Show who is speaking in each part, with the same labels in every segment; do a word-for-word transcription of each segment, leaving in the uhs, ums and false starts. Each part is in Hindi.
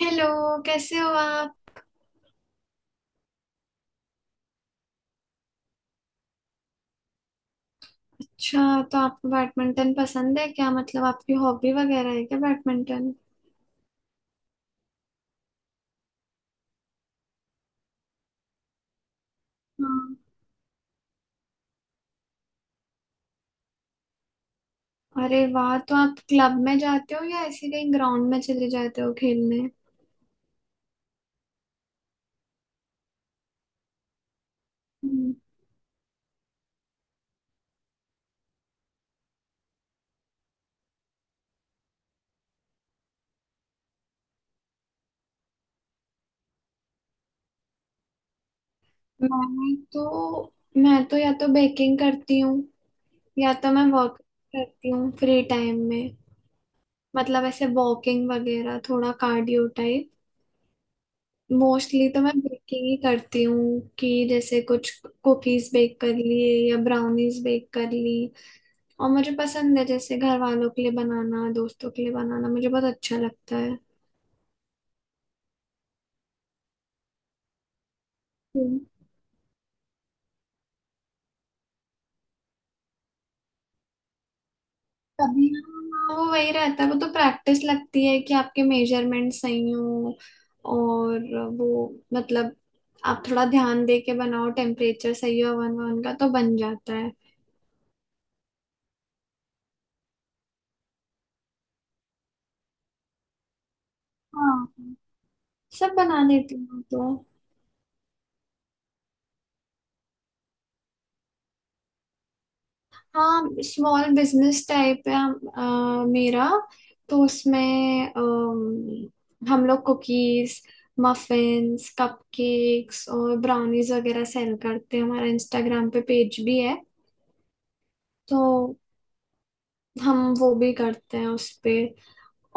Speaker 1: हेलो। कैसे हो आप? अच्छा, तो आपको बैडमिंटन पसंद है क्या? मतलब आपकी हॉबी वगैरह है क्या बैडमिंटन? हाँ, अरे वाह, तो आप क्लब में जाते हो या ऐसे कहीं ग्राउंड में चले जाते हो खेलने? हम्म। मैं तो मैं तो या तो बेकिंग करती हूँ, या तो मैं वॉक करती हूँ फ्री टाइम में। मतलब ऐसे वॉकिंग वगैरह, थोड़ा कार्डियो टाइप। मोस्टली तो मैं बेकिंग ही करती हूँ कि जैसे कुछ कुकीज बेक कर लिए या ब्राउनीज बेक कर ली, और मुझे पसंद है जैसे घर वालों के लिए बनाना, दोस्तों के लिए बनाना। मुझे बहुत अच्छा लगता है। हम्म। तभी हाँ, वो वही रहता है, वो तो प्रैक्टिस लगती है कि आपके मेजरमेंट सही हो और वो, मतलब आप थोड़ा ध्यान दे के बनाओ, टेम्परेचर सही हो, वन वन का तो बन जाता है। हाँ, सब बना लेती हूँ मैं तो। हाँ, स्मॉल बिजनेस टाइप है हम- अ, मेरा। तो उसमें अम, हम लोग कुकीज, मफिन्स, कपकेक्स और ब्राउनीज वगैरह सेल करते हैं। हमारा इंस्टाग्राम पे पेज भी है, तो हम वो भी करते हैं उस पे।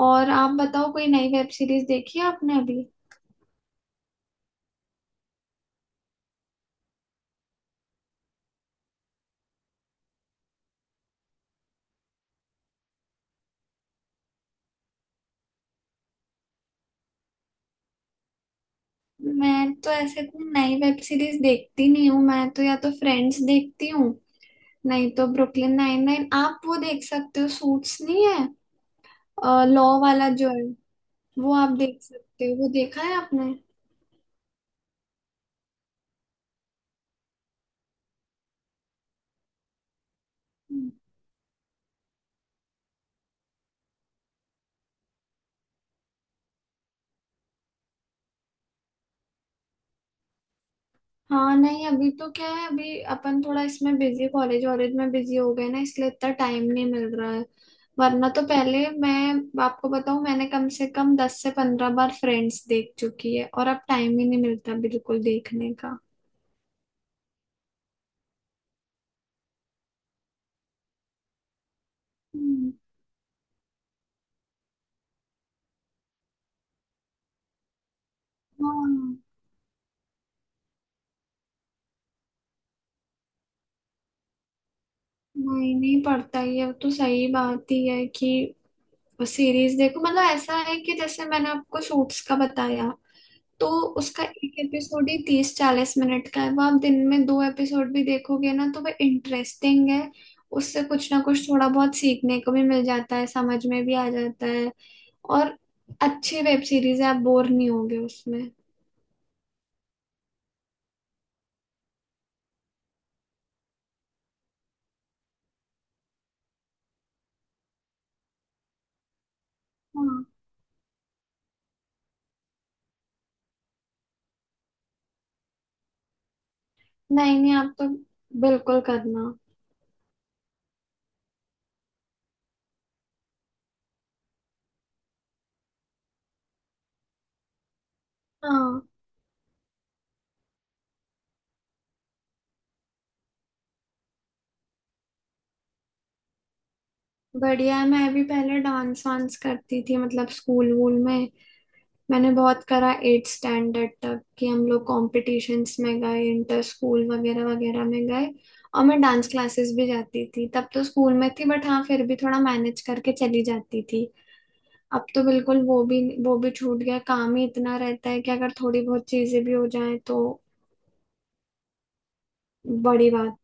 Speaker 1: और आप बताओ, कोई नई वेब सीरीज देखी है आपने अभी? मैं तो ऐसे कोई नई वेब सीरीज देखती नहीं हूँ। मैं तो या तो फ्रेंड्स देखती हूँ, नहीं तो ब्रुकलिन नाइन नाइन आप वो देख सकते हो। सूट्स नहीं है, लॉ वाला जो है, वो आप देख सकते हो। वो देखा है आपने? हम्म। हाँ, नहीं, अभी तो क्या है, अभी अपन थोड़ा इसमें बिजी, कॉलेज वॉलेज में बिजी हो गए ना, इसलिए इतना टाइम नहीं मिल रहा है। वरना तो पहले, मैं आपको बताऊं, मैंने कम से कम दस से पंद्रह बार फ्रेंड्स देख चुकी है, और अब टाइम ही नहीं मिलता बिल्कुल देखने का। हम्म, हाँ। नहीं, नहीं पड़ता, ये तो सही बात ही है कि सीरीज देखो, मतलब ऐसा है कि जैसे मैंने आपको सूट्स का बताया, तो उसका एक एपिसोड ही तीस चालीस मिनट का है। वो आप दिन में दो एपिसोड भी देखोगे ना, तो वह इंटरेस्टिंग है। उससे कुछ ना कुछ थोड़ा बहुत सीखने को भी मिल जाता है, समझ में भी आ जाता है, और अच्छी वेब सीरीज है, आप बोर नहीं होगे उसमें। हाँ, नहीं नहीं, आप तो बिल्कुल करना। हाँ, बढ़िया है। मैं भी पहले डांस वांस करती थी, मतलब स्कूल वूल में। मैंने बहुत करा एट स्टैंडर्ड तक कि हम लोग कॉम्पिटिशन्स में गए, इंटर स्कूल वगैरह वगैरह में गए। और मैं डांस क्लासेस भी जाती थी तब, तो स्कूल में थी बट हाँ, फिर भी थोड़ा मैनेज करके चली जाती थी। अब तो बिल्कुल वो भी वो भी छूट गया। काम ही इतना रहता है कि अगर थोड़ी बहुत चीजें भी हो जाए तो बड़ी बात।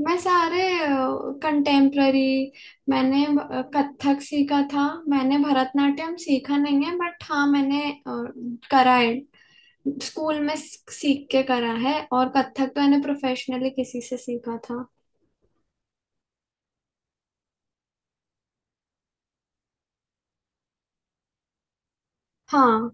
Speaker 1: मैं सारे कंटेम्प्ररी, मैंने अ, कथक सीखा था। मैंने भरतनाट्यम सीखा नहीं है, बट हाँ मैंने अ, करा है स्कूल में, स- सीख के करा है। और कथक तो मैंने प्रोफेशनली किसी से सीखा था। हाँ,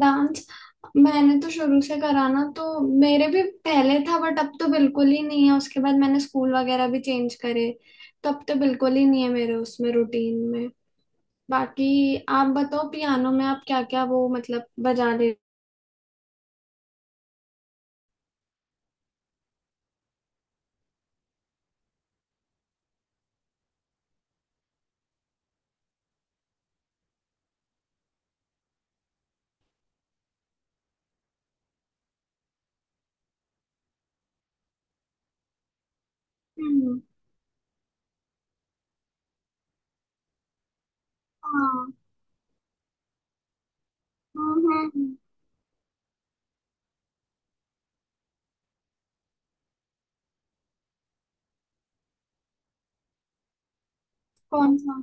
Speaker 1: डांस मैंने तो शुरू से करा ना, तो मेरे भी पहले था बट अब तो बिल्कुल ही नहीं है। उसके बाद मैंने स्कूल वगैरह भी चेंज करे, तो अब तो बिल्कुल ही नहीं है मेरे उसमें रूटीन में। बाकी आप बताओ, पियानो में आप क्या क्या वो, मतलब बजा ले? हम्म, हाँ। हम्म, हम्म, हम्म। कौन सा?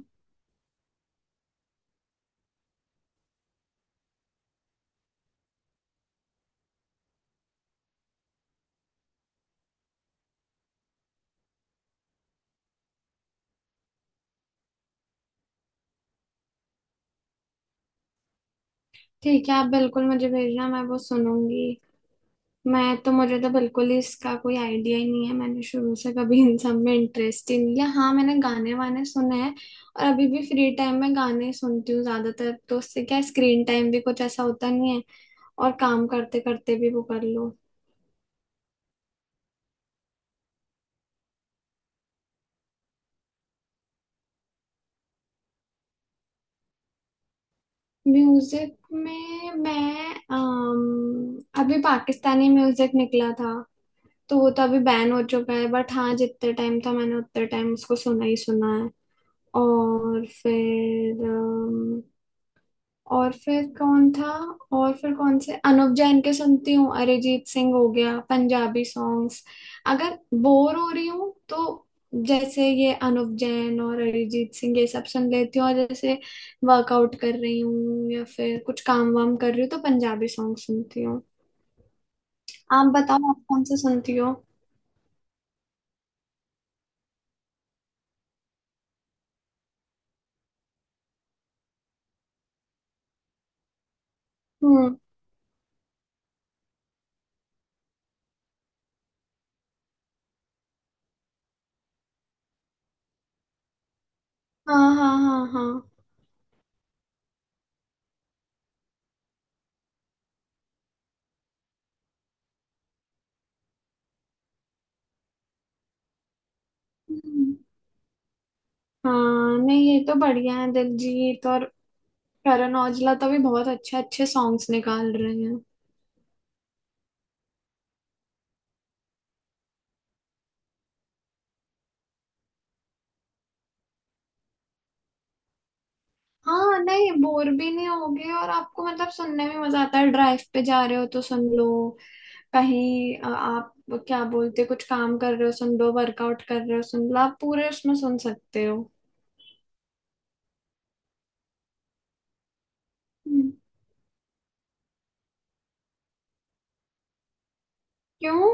Speaker 1: ठीक है, आप बिल्कुल मुझे भेजना, मैं वो सुनूंगी। मैं तो, मुझे तो बिल्कुल ही इसका कोई आइडिया ही नहीं है। मैंने शुरू से कभी इन सब में इंटरेस्ट ही नहीं लिया। हाँ, मैंने गाने वाने सुने हैं, और अभी भी फ्री टाइम में गाने ही सुनती हूँ ज्यादातर, तो उससे क्या स्क्रीन टाइम भी कुछ ऐसा होता नहीं है, और काम करते करते भी वो कर लो। म्यूजिक में मैं, अम, अभी पाकिस्तानी म्यूजिक निकला था, तो वो तो अभी बैन हो चुका है, बट हाँ, जितने टाइम था मैंने उतने टाइम उसको सुना ही सुना है। और फिर, और फिर कौन था और फिर कौन से अनुप जैन के सुनती हूँ, अरिजीत सिंह हो गया, पंजाबी सॉन्ग्स अगर बोर हो रही हूँ तो। जैसे ये अनुप जैन और अरिजीत सिंह ये सब सुन लेती हूँ, और जैसे वर्कआउट कर रही हूँ या फिर कुछ काम वाम कर रही हूँ तो पंजाबी सॉन्ग सुनती हूँ। आप बताओ, आप कौन से सुनती हो? हम्म। हाँ हाँ हाँ हाँ। हम्म, हाँ, नहीं ये तो बढ़िया है। दिलजीत और करण औजला तो भी बहुत अच्छे अच्छे सॉन्ग्स निकाल रहे हैं। हाँ, नहीं बोर भी नहीं होगे, और आपको मतलब सुनने में मजा आता है। ड्राइव पे जा रहे हो तो सुन लो, कहीं अ, आप क्या बोलते, कुछ काम कर रहे हो सुन लो, वर्कआउट कर रहे हो सुन लो, आप पूरे उसमें सुन सकते हो। हम्म, क्यों?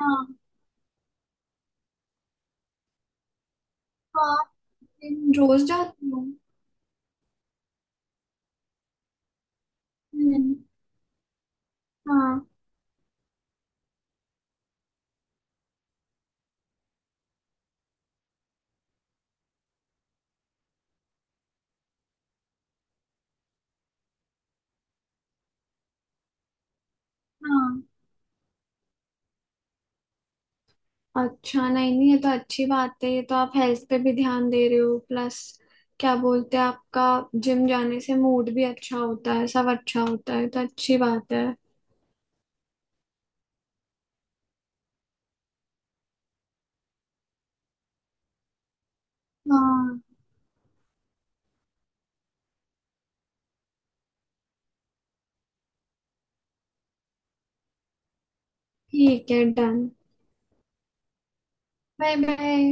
Speaker 1: हाँ, तो आप जिम रोज जाते हो? हम्म, हाँ हाँ। अच्छा, नहीं नहीं, ये तो अच्छी बात है। ये तो आप हेल्थ पे भी ध्यान दे रहे हो, प्लस क्या बोलते हैं आपका, जिम जाने से मूड भी अच्छा होता है, सब अच्छा होता है, तो अच्छी बात है। हाँ, ठीक है, डन। Bye bye.